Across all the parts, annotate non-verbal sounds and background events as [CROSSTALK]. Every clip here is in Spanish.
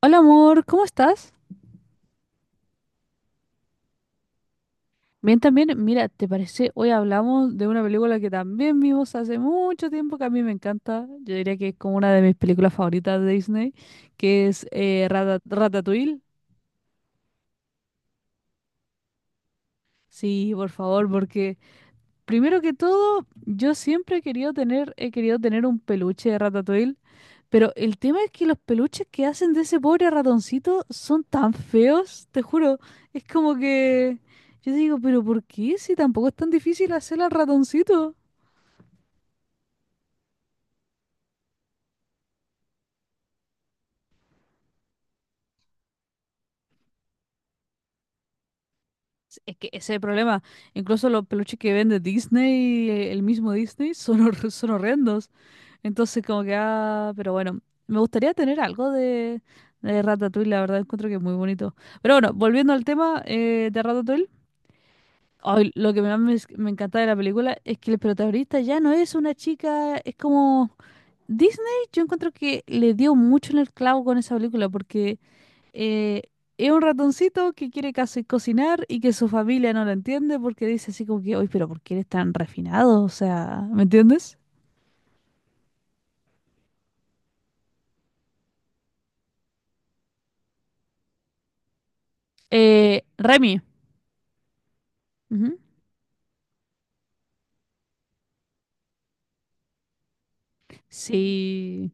Hola amor, ¿cómo estás? Bien también, mira, ¿te parece? Hoy hablamos de una película que también vimos hace mucho tiempo, que a mí me encanta. Yo diría que es como una de mis películas favoritas de Disney, que es Ratatouille. Sí, por favor, porque primero que todo, yo siempre he querido tener un peluche de Ratatouille. Pero el tema es que los peluches que hacen de ese pobre ratoncito son tan feos, te juro. Es como que yo digo, pero ¿por qué? Si tampoco es tan difícil hacer al ratoncito. Es que ese es el problema. Incluso los peluches que vende Disney, el mismo Disney, son, son horrendos. Entonces como que, ah, pero bueno, me gustaría tener algo de Ratatouille, la verdad, encuentro que es muy bonito. Pero bueno, volviendo al tema de Ratatouille. Ay, lo que me encanta de la película es que el protagonista ya no es una chica, es como Disney, yo encuentro que le dio mucho en el clavo con esa película porque eh, es un ratoncito que quiere casi cocinar y que su familia no lo entiende porque dice así como que, oye, pero ¿por qué eres tan refinado? O sea, ¿me entiendes? Remy. Ujú. Sí.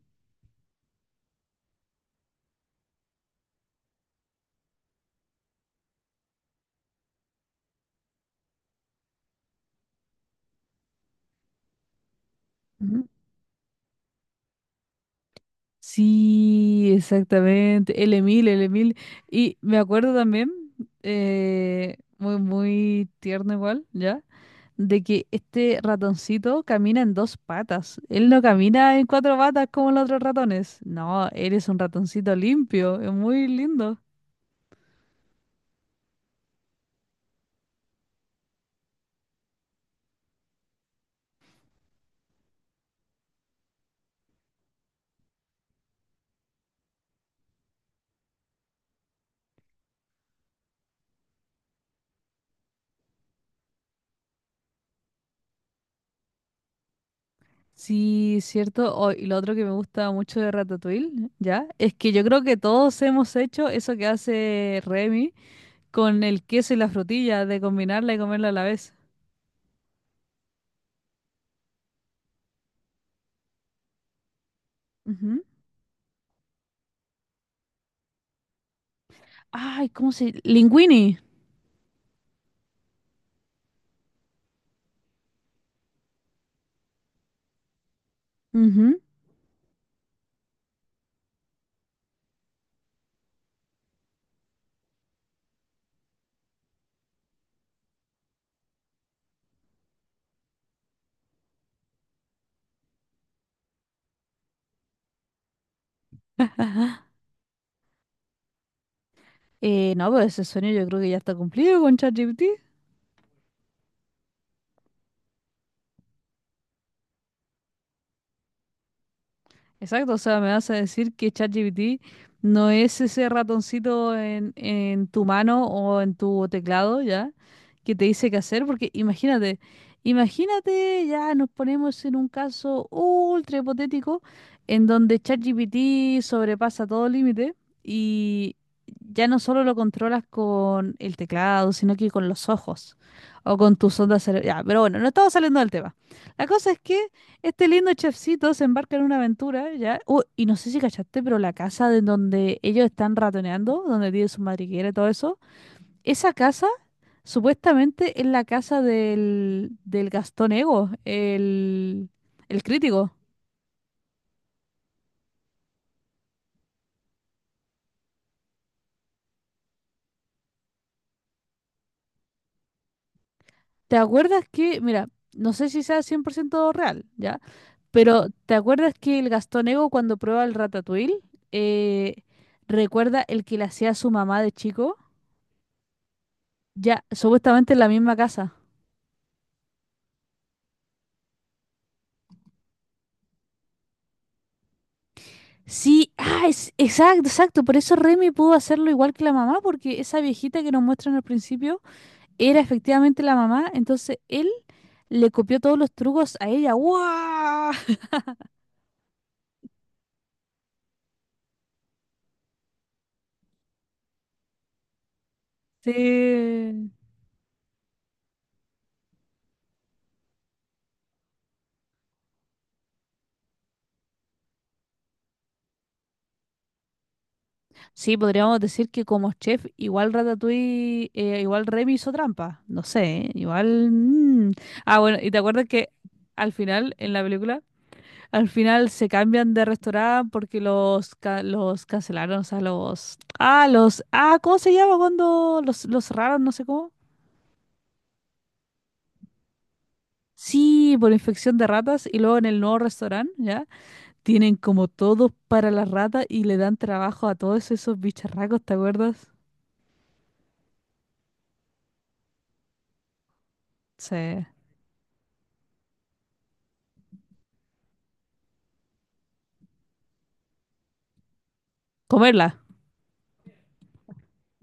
Ujú. Sí, exactamente. El Emil. Y me acuerdo también, muy, muy tierno igual, ¿ya? De que este ratoncito camina en dos patas. Él no camina en cuatro patas como los otros ratones. No, él es un ratoncito limpio. Es muy lindo. Sí, cierto. Oh, y lo otro que me gusta mucho de Ratatouille, ¿ya? Es que yo creo que todos hemos hecho eso que hace Remy con el queso y la frutilla, de combinarla y comerla a la vez. Ujú. Ay, ¿cómo se...? Linguini. Ujú. No, pero ese sueño yo creo que ya está cumplido con ChatGPT. Exacto, o sea, me vas a decir que ChatGPT no es ese ratoncito en tu mano o en tu teclado, ¿ya? Que te dice qué hacer, porque imagínate, ya nos ponemos en un caso ultra hipotético en donde ChatGPT sobrepasa todo límite y ya no solo lo controlas con el teclado, sino que con los ojos o con tus ondas cerebrales. Ya, pero bueno, no estamos saliendo del tema. La cosa es que este lindo chefcito se embarca en una aventura, ¿ya? Y no sé si cachaste, pero la casa de donde ellos están ratoneando, donde tiene su madriguera y todo eso, esa casa supuestamente es la casa del Gastón Ego, el crítico. ¿Te acuerdas que, mira, no sé si sea 100% real, ¿ya? Pero ¿te acuerdas que el Gastón Ego cuando prueba el ratatouille, eh, recuerda el que le hacía a su mamá de chico? Ya, supuestamente en la misma casa. Sí, ah, exacto, exacto. Por eso Remy pudo hacerlo igual que la mamá, porque esa viejita que nos muestran al principio era efectivamente la mamá. Entonces él le copió todos los trucos a ella. ¡Guau! Sí. Sí, podríamos decir que como chef, igual Ratatouille, igual Remy hizo trampa. No sé, ¿eh? Igual. Mm. Ah, bueno, ¿y te acuerdas que al final en la película al final se cambian de restaurante porque los cancelaron, o sea, los... Ah, ¿cómo se llama cuando los cerraron? No sé cómo. Sí, por infección de ratas y luego en el nuevo restaurante, ¿ya? Tienen como todo para las ratas y le dan trabajo a todos esos bicharracos, ¿te acuerdas? Sí. Comerla,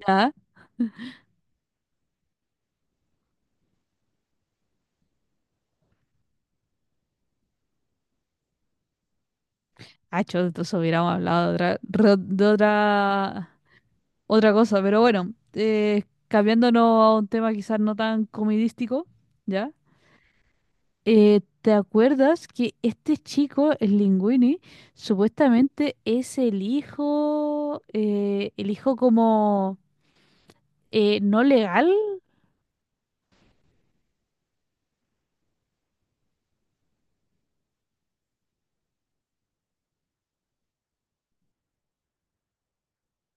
¿ya? Ah, chos, entonces hubiéramos hablado de otra, otra cosa, pero bueno, cambiándonos a un tema quizás no tan comidístico, ¿ya? ¿Te acuerdas que este chico, el Linguini, supuestamente es el hijo como no legal?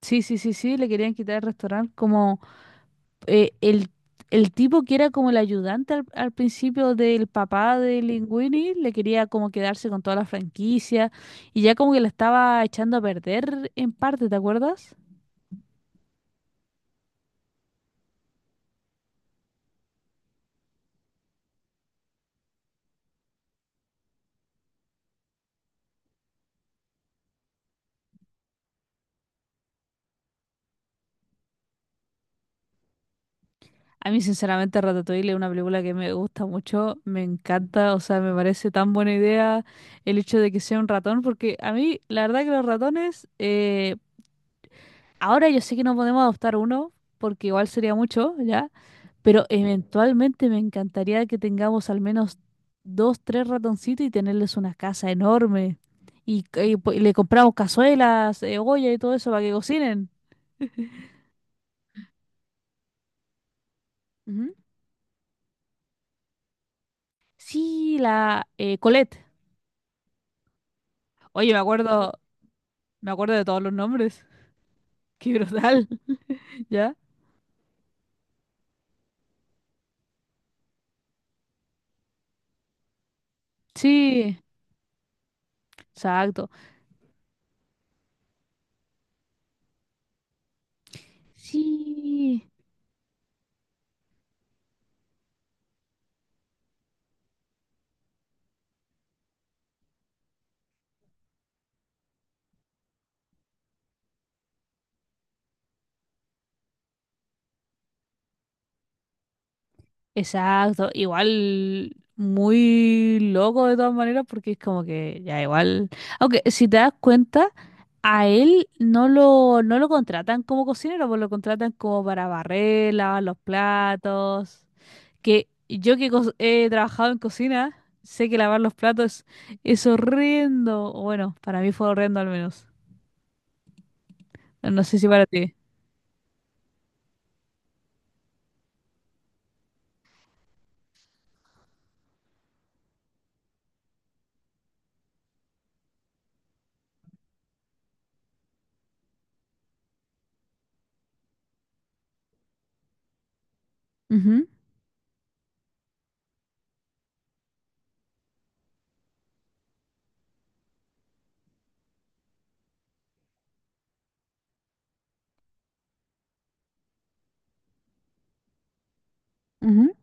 Sí, sí, sí, sí, le querían quitar el restaurante como eh, el, el tipo que era como el ayudante al principio del papá de Linguini, le quería como quedarse con toda la franquicia y ya como que la estaba echando a perder en parte, ¿te acuerdas? A mí, sinceramente, Ratatouille es una película que me gusta mucho, me encanta, o sea, me parece tan buena idea el hecho de que sea un ratón, porque a mí, la verdad que los ratones, ahora yo sé que no podemos adoptar uno, porque igual sería mucho, ¿ya? Pero eventualmente me encantaría que tengamos al menos dos, tres ratoncitos y tenerles una casa enorme. Y le compramos cazuelas, olla y todo eso para que cocinen. Ujú. Sí, la Colette. Oye, me acuerdo, me acuerdo de todos los nombres. [LAUGHS] Qué brutal, [LAUGHS] ¿ya? Sí, exacto. Sí, exacto. Igual muy loco de todas maneras porque es como que ya igual. Aunque si te das cuenta, a él no lo contratan como cocinero, pues lo contratan como para barrer, lavar los platos. Que yo he trabajado en cocina, sé que lavar los platos es horrendo. O Bueno, para mí fue horrendo al menos. No sé si para ti. Ujú, ujú.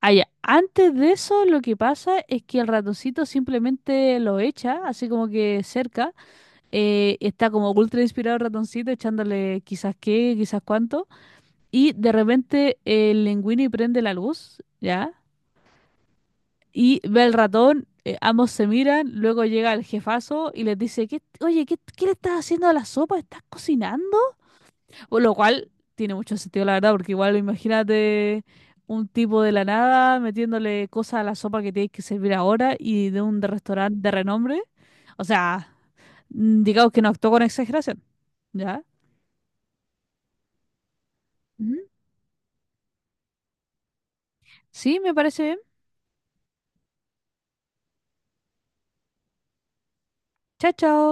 Ah, ya. Antes de eso, lo que pasa es que el ratoncito simplemente lo echa, así como que cerca. Está como ultra inspirado el ratoncito, echándole quizás qué, quizás cuánto. Y de repente el Linguini prende la luz, ¿ya? Y ve al ratón, ambos se miran, luego llega el jefazo y les dice, ¿Qué, oye, qué le estás haciendo a la sopa? ¿Estás cocinando? O lo cual tiene mucho sentido, la verdad, porque igual imagínate un tipo de la nada metiéndole cosas a la sopa que tienes que servir ahora y de un restaurante de renombre. O sea, mm, digamos que no actuó con exageración. ¿Ya? Ujú. Sí, me parece bien. Chao, chao.